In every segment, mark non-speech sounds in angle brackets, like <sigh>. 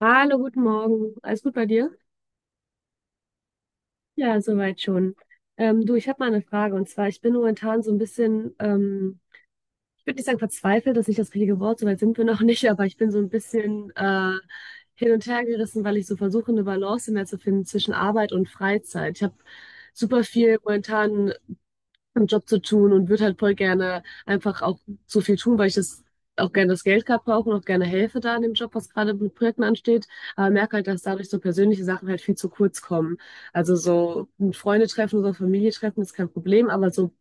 Hallo, guten Morgen. Alles gut bei dir? Ja, soweit schon. Du, ich habe mal eine Frage, und zwar ich bin momentan so ein bisschen, ich würde nicht sagen verzweifelt, das ist nicht das richtige Wort, soweit sind wir noch <laughs> nicht, aber ich bin so ein bisschen hin und her gerissen, weil ich so versuche, eine Balance mehr zu finden zwischen Arbeit und Freizeit. Ich habe super viel momentan einen Job zu tun und würde halt voll gerne einfach auch so viel tun, weil ich das auch gerne, das Geld gerade brauche und auch gerne helfe da in dem Job, was gerade mit Projekten ansteht. Aber merke halt, dass dadurch so persönliche Sachen halt viel zu kurz kommen. Also so ein Freunde treffen oder Familie treffen ist kein Problem, aber so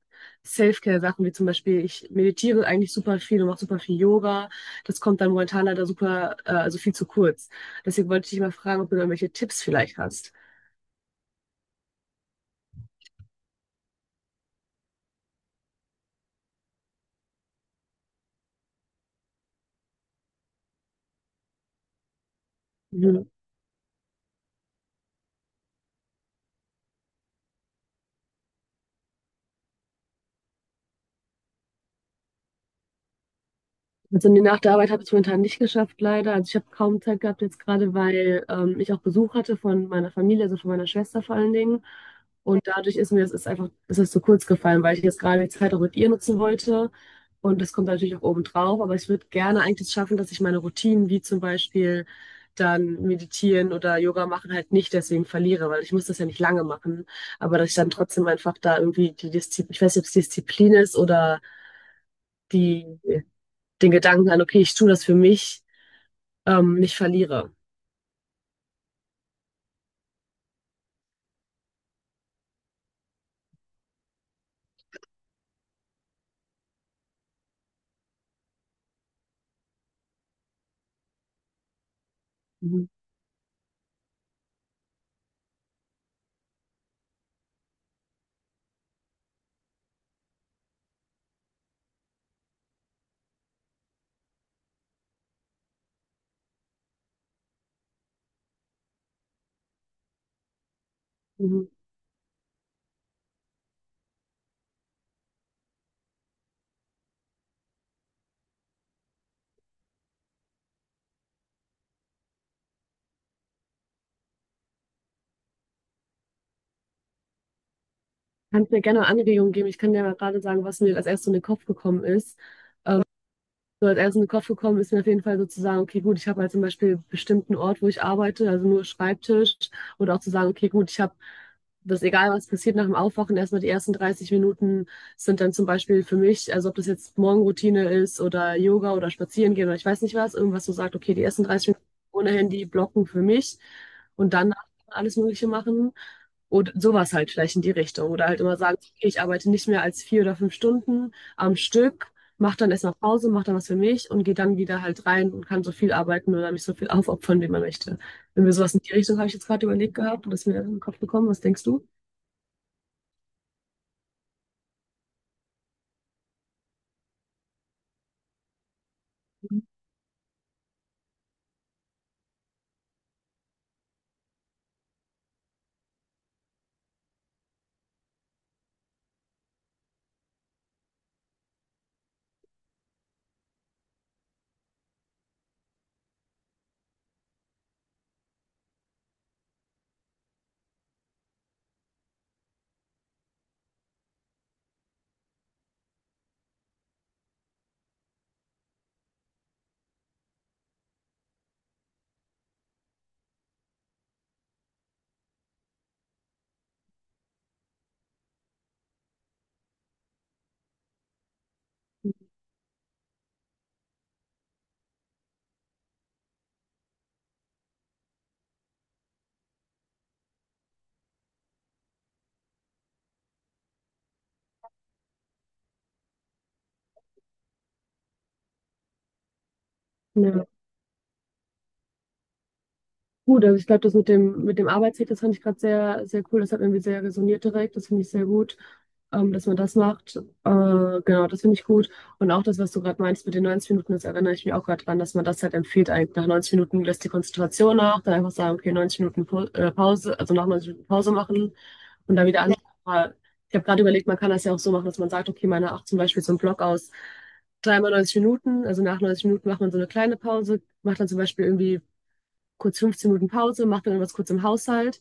Self-Care-Sachen wie zum Beispiel, ich meditiere eigentlich super viel und mache super viel Yoga. Das kommt dann momentan leider super, also viel zu kurz. Deswegen wollte ich dich mal fragen, ob du da irgendwelche Tipps vielleicht hast. Mhm. Also nee, nach der Arbeit habe ich es momentan nicht geschafft, leider. Also ich habe kaum Zeit gehabt jetzt gerade, weil ich auch Besuch hatte von meiner Familie, also von meiner Schwester vor allen Dingen. Und dadurch ist mir das, ist einfach, das ist zu kurz gefallen, weil ich jetzt gerade die Zeit auch mit ihr nutzen wollte. Und das kommt natürlich auch oben drauf. Aber ich würde gerne eigentlich schaffen, dass ich meine Routinen, wie zum Beispiel dann meditieren oder Yoga machen, halt nicht deswegen verliere, weil ich muss das ja nicht lange machen. Aber dass ich dann trotzdem einfach da irgendwie die Disziplin, ich weiß nicht, ob es Disziplin ist, oder die, den Gedanken an, okay, ich tue das für mich, nicht verliere. Mhm. Mhm. Kannst mir gerne Anregungen geben. Ich kann dir mal gerade sagen, was mir als erstes in den Kopf gekommen ist. Ähm, So als erstes in den Kopf gekommen ist mir auf jeden Fall so zu sagen, okay, gut, ich habe halt zum Beispiel bestimmten Ort, wo ich arbeite, also nur Schreibtisch. Oder auch zu sagen, okay, gut, ich habe das, egal was passiert nach dem Aufwachen, erstmal die ersten 30 Minuten sind dann zum Beispiel für mich, also ob das jetzt Morgenroutine ist oder Yoga oder Spazieren gehen oder ich weiß nicht was, irgendwas, so sagt, okay, die ersten 30 Minuten ohne Handy blocken für mich und dann alles Mögliche machen. Und sowas halt vielleicht in die Richtung. Oder halt immer sagen, okay, ich arbeite nicht mehr als 4 oder 5 Stunden am Stück, mach dann erstmal Pause, mach dann was für mich und gehe dann wieder halt rein und kann so viel arbeiten oder mich so viel aufopfern, wie man möchte. Wenn wir sowas in die Richtung, habe ich jetzt gerade überlegt gehabt und das ist mir in den Kopf gekommen. Was denkst du? Ja. Gut, also ich glaube, das mit dem Arbeitsweg, das fand ich gerade sehr, sehr cool. Das hat irgendwie sehr resoniert direkt. Das finde ich sehr gut, dass man das macht. Genau, das finde ich gut. Und auch das, was du gerade meinst mit den 90 Minuten, das erinnere ich mich auch gerade dran, dass man das halt empfiehlt. Eigentlich nach 90 Minuten lässt die Konzentration nach, dann einfach sagen, okay, 90 Minuten Pause, also nach 90 Minuten Pause machen und dann wieder an. Ja, aber ich habe gerade überlegt, man kann das ja auch so machen, dass man sagt, okay, meine acht zum Beispiel so einen Block aus dreimal 90 Minuten, also nach 90 Minuten macht man so eine kleine Pause, macht dann zum Beispiel irgendwie kurz 15 Minuten Pause, macht dann irgendwas kurz im Haushalt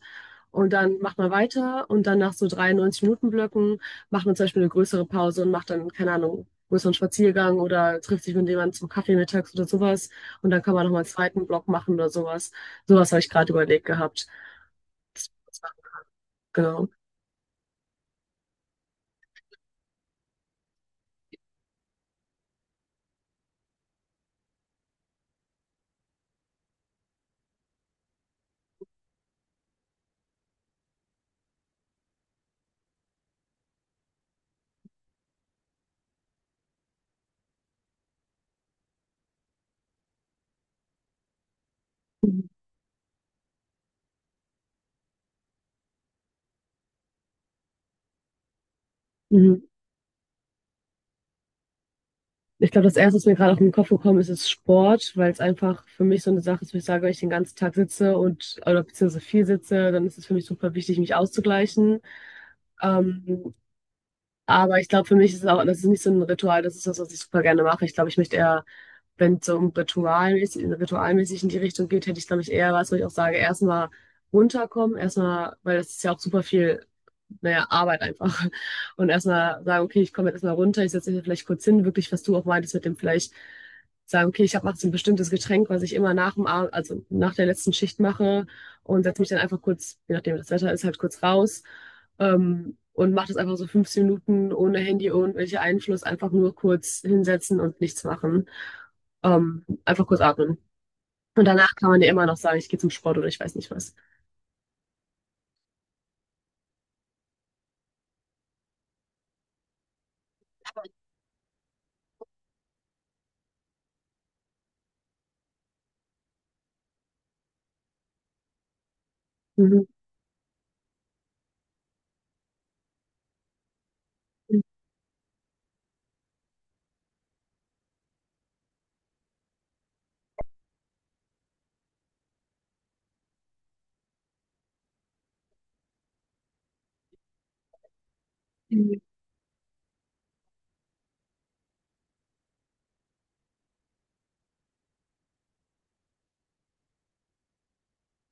und dann macht man weiter und dann nach so 93 Minuten Blöcken macht man zum Beispiel eine größere Pause und macht dann, keine Ahnung, größeren Spaziergang oder trifft sich mit jemandem zum Kaffee mittags oder sowas und dann kann man nochmal einen zweiten Block machen oder sowas. Sowas habe ich gerade überlegt gehabt. Das war, genau. Mhm. Ich glaube, das Erste, was mir gerade auf den Kopf gekommen ist, ist Sport, weil es einfach für mich so eine Sache ist, wo ich sage, wenn ich den ganzen Tag sitze und oder beziehungsweise viel sitze, dann ist es für mich super wichtig, mich auszugleichen. Ähm, Aber ich glaube, für mich ist es auch, das ist nicht so ein Ritual, das ist das, was ich super gerne mache. Ich glaube, ich möchte eher, wenn es so um ritualmäßig, ritualmäßig in die Richtung geht, hätte ich, glaube ich, eher was, wo ich auch sage, erstmal runterkommen, erstmal, weil das ist ja auch super viel, naja, Arbeit einfach. <laughs> Und erstmal sagen, okay, ich komme jetzt erstmal runter, ich setze mich hier vielleicht kurz hin, wirklich, was du auch meintest mit dem vielleicht sagen, okay, ich habe jetzt ein bestimmtes Getränk, was ich immer nach dem Abend, also nach der letzten Schicht mache und setze mich dann einfach kurz, je nachdem wie das Wetter ist, halt kurz raus, und mache das einfach so 15 Minuten ohne Handy, ohne welchen Einfluss, einfach nur kurz hinsetzen und nichts machen. Einfach kurz atmen. Und danach kann man ja immer noch sagen, ich gehe zum Sport oder ich weiß nicht was. Mhm.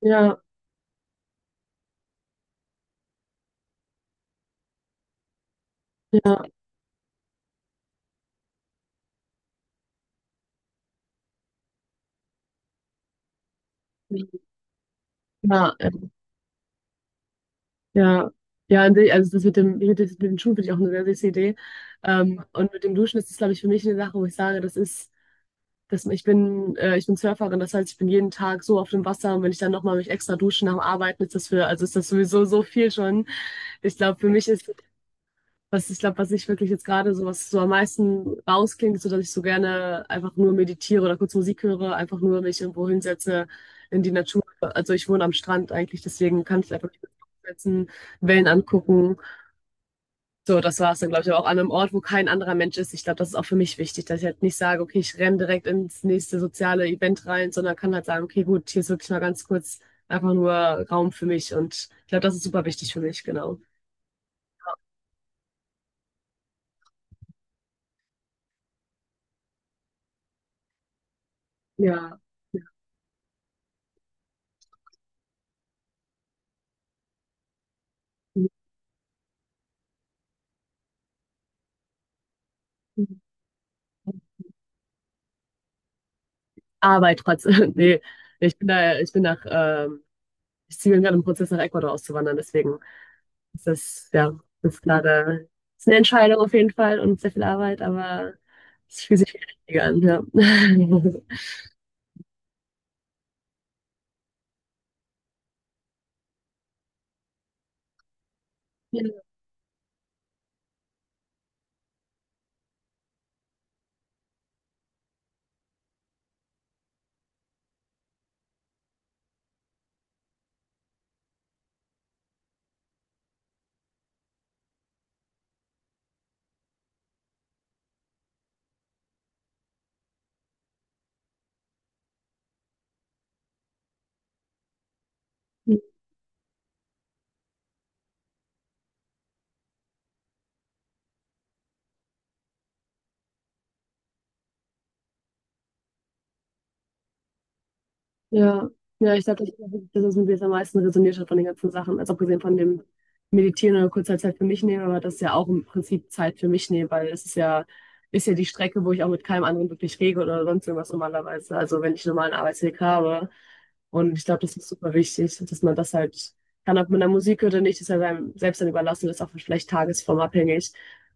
Ja, ja, ja, ja. Ja, und ich- also das mit dem, mit dem mit den Schuhen finde ich auch eine sehr süße Idee. Und mit dem Duschen ist das, glaube ich, für mich eine Sache, wo ich sage, das ist das, ich bin Surferin, das heißt, ich bin jeden Tag so auf dem Wasser und wenn ich dann nochmal mich extra dusche nach dem Arbeiten, ist das für, also ist das sowieso so viel schon. Ich glaube, für mich ist, was ich glaube, was ich wirklich jetzt gerade so, was so am meisten rausklingt, ist so, dass ich so gerne einfach nur meditiere oder kurz Musik höre, einfach nur mich irgendwo hinsetze in die Natur. Also ich wohne am Strand eigentlich, deswegen kann ich einfach nicht setzen, Wellen angucken so, das war es dann, glaube ich, aber auch an einem Ort, wo kein anderer Mensch ist. Ich glaube, das ist auch für mich wichtig, dass ich halt nicht sage, okay, ich renne direkt ins nächste soziale Event rein, sondern kann halt sagen, okay, gut, hier ist wirklich mal ganz kurz einfach nur Raum für mich. Und ich glaube, das ist super wichtig für mich, genau. Ja. Arbeit trotzdem. <laughs> Nee, ich bin da, ich bin nach, ich ziehe gerade im Prozess nach Ecuador auszuwandern, deswegen ist das, ja, ist gerade, ist eine Entscheidung auf jeden Fall und sehr viel Arbeit, aber es fühlt sich viel richtiger an, ja. <laughs> Ja. Ja, ja, ich glaube, das ist auch wirklich das, was mit mir jetzt am meisten resoniert hat von den ganzen Sachen. Also abgesehen von dem Meditieren oder kurzer Zeit für mich nehmen, aber das ist ja auch im Prinzip Zeit für mich nehmen, weil es ist ja die Strecke, wo ich auch mit keinem anderen wirklich rede oder sonst irgendwas normalerweise. Also wenn ich einen normalen Arbeitsweg habe. Und ich glaube, das ist super wichtig, dass man das halt kann, ob man da Musik hört oder nicht, ist ja seinem selbst dann überlassen, das ist auch vielleicht tagesformabhängig.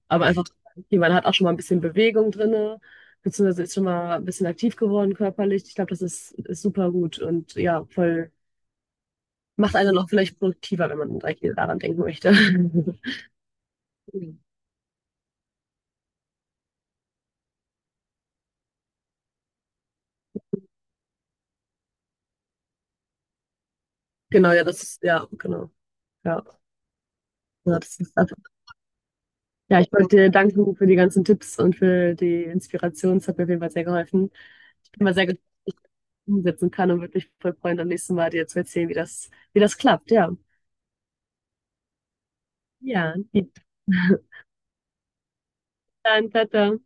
Aber einfach, okay, man hat auch schon mal ein bisschen Bewegung drin beziehungsweise ist schon mal ein bisschen aktiv geworden körperlich. Ich glaube, das ist, ist super gut und ja, voll, macht einen noch vielleicht produktiver, wenn man direkt wieder daran denken möchte. <laughs> Genau, ja, das ist, ja, genau. Ja, ja, das ist, ja, ich wollte dir danken für die ganzen Tipps und für die Inspiration. Es hat mir auf jeden Fall sehr geholfen. Ich bin mal sehr gespannt, wie ich das umsetzen kann und würde mich voll freuen, am nächsten Mal dir zu erzählen, wie das klappt. Ja, ja, lieb. <laughs> Dann, tata.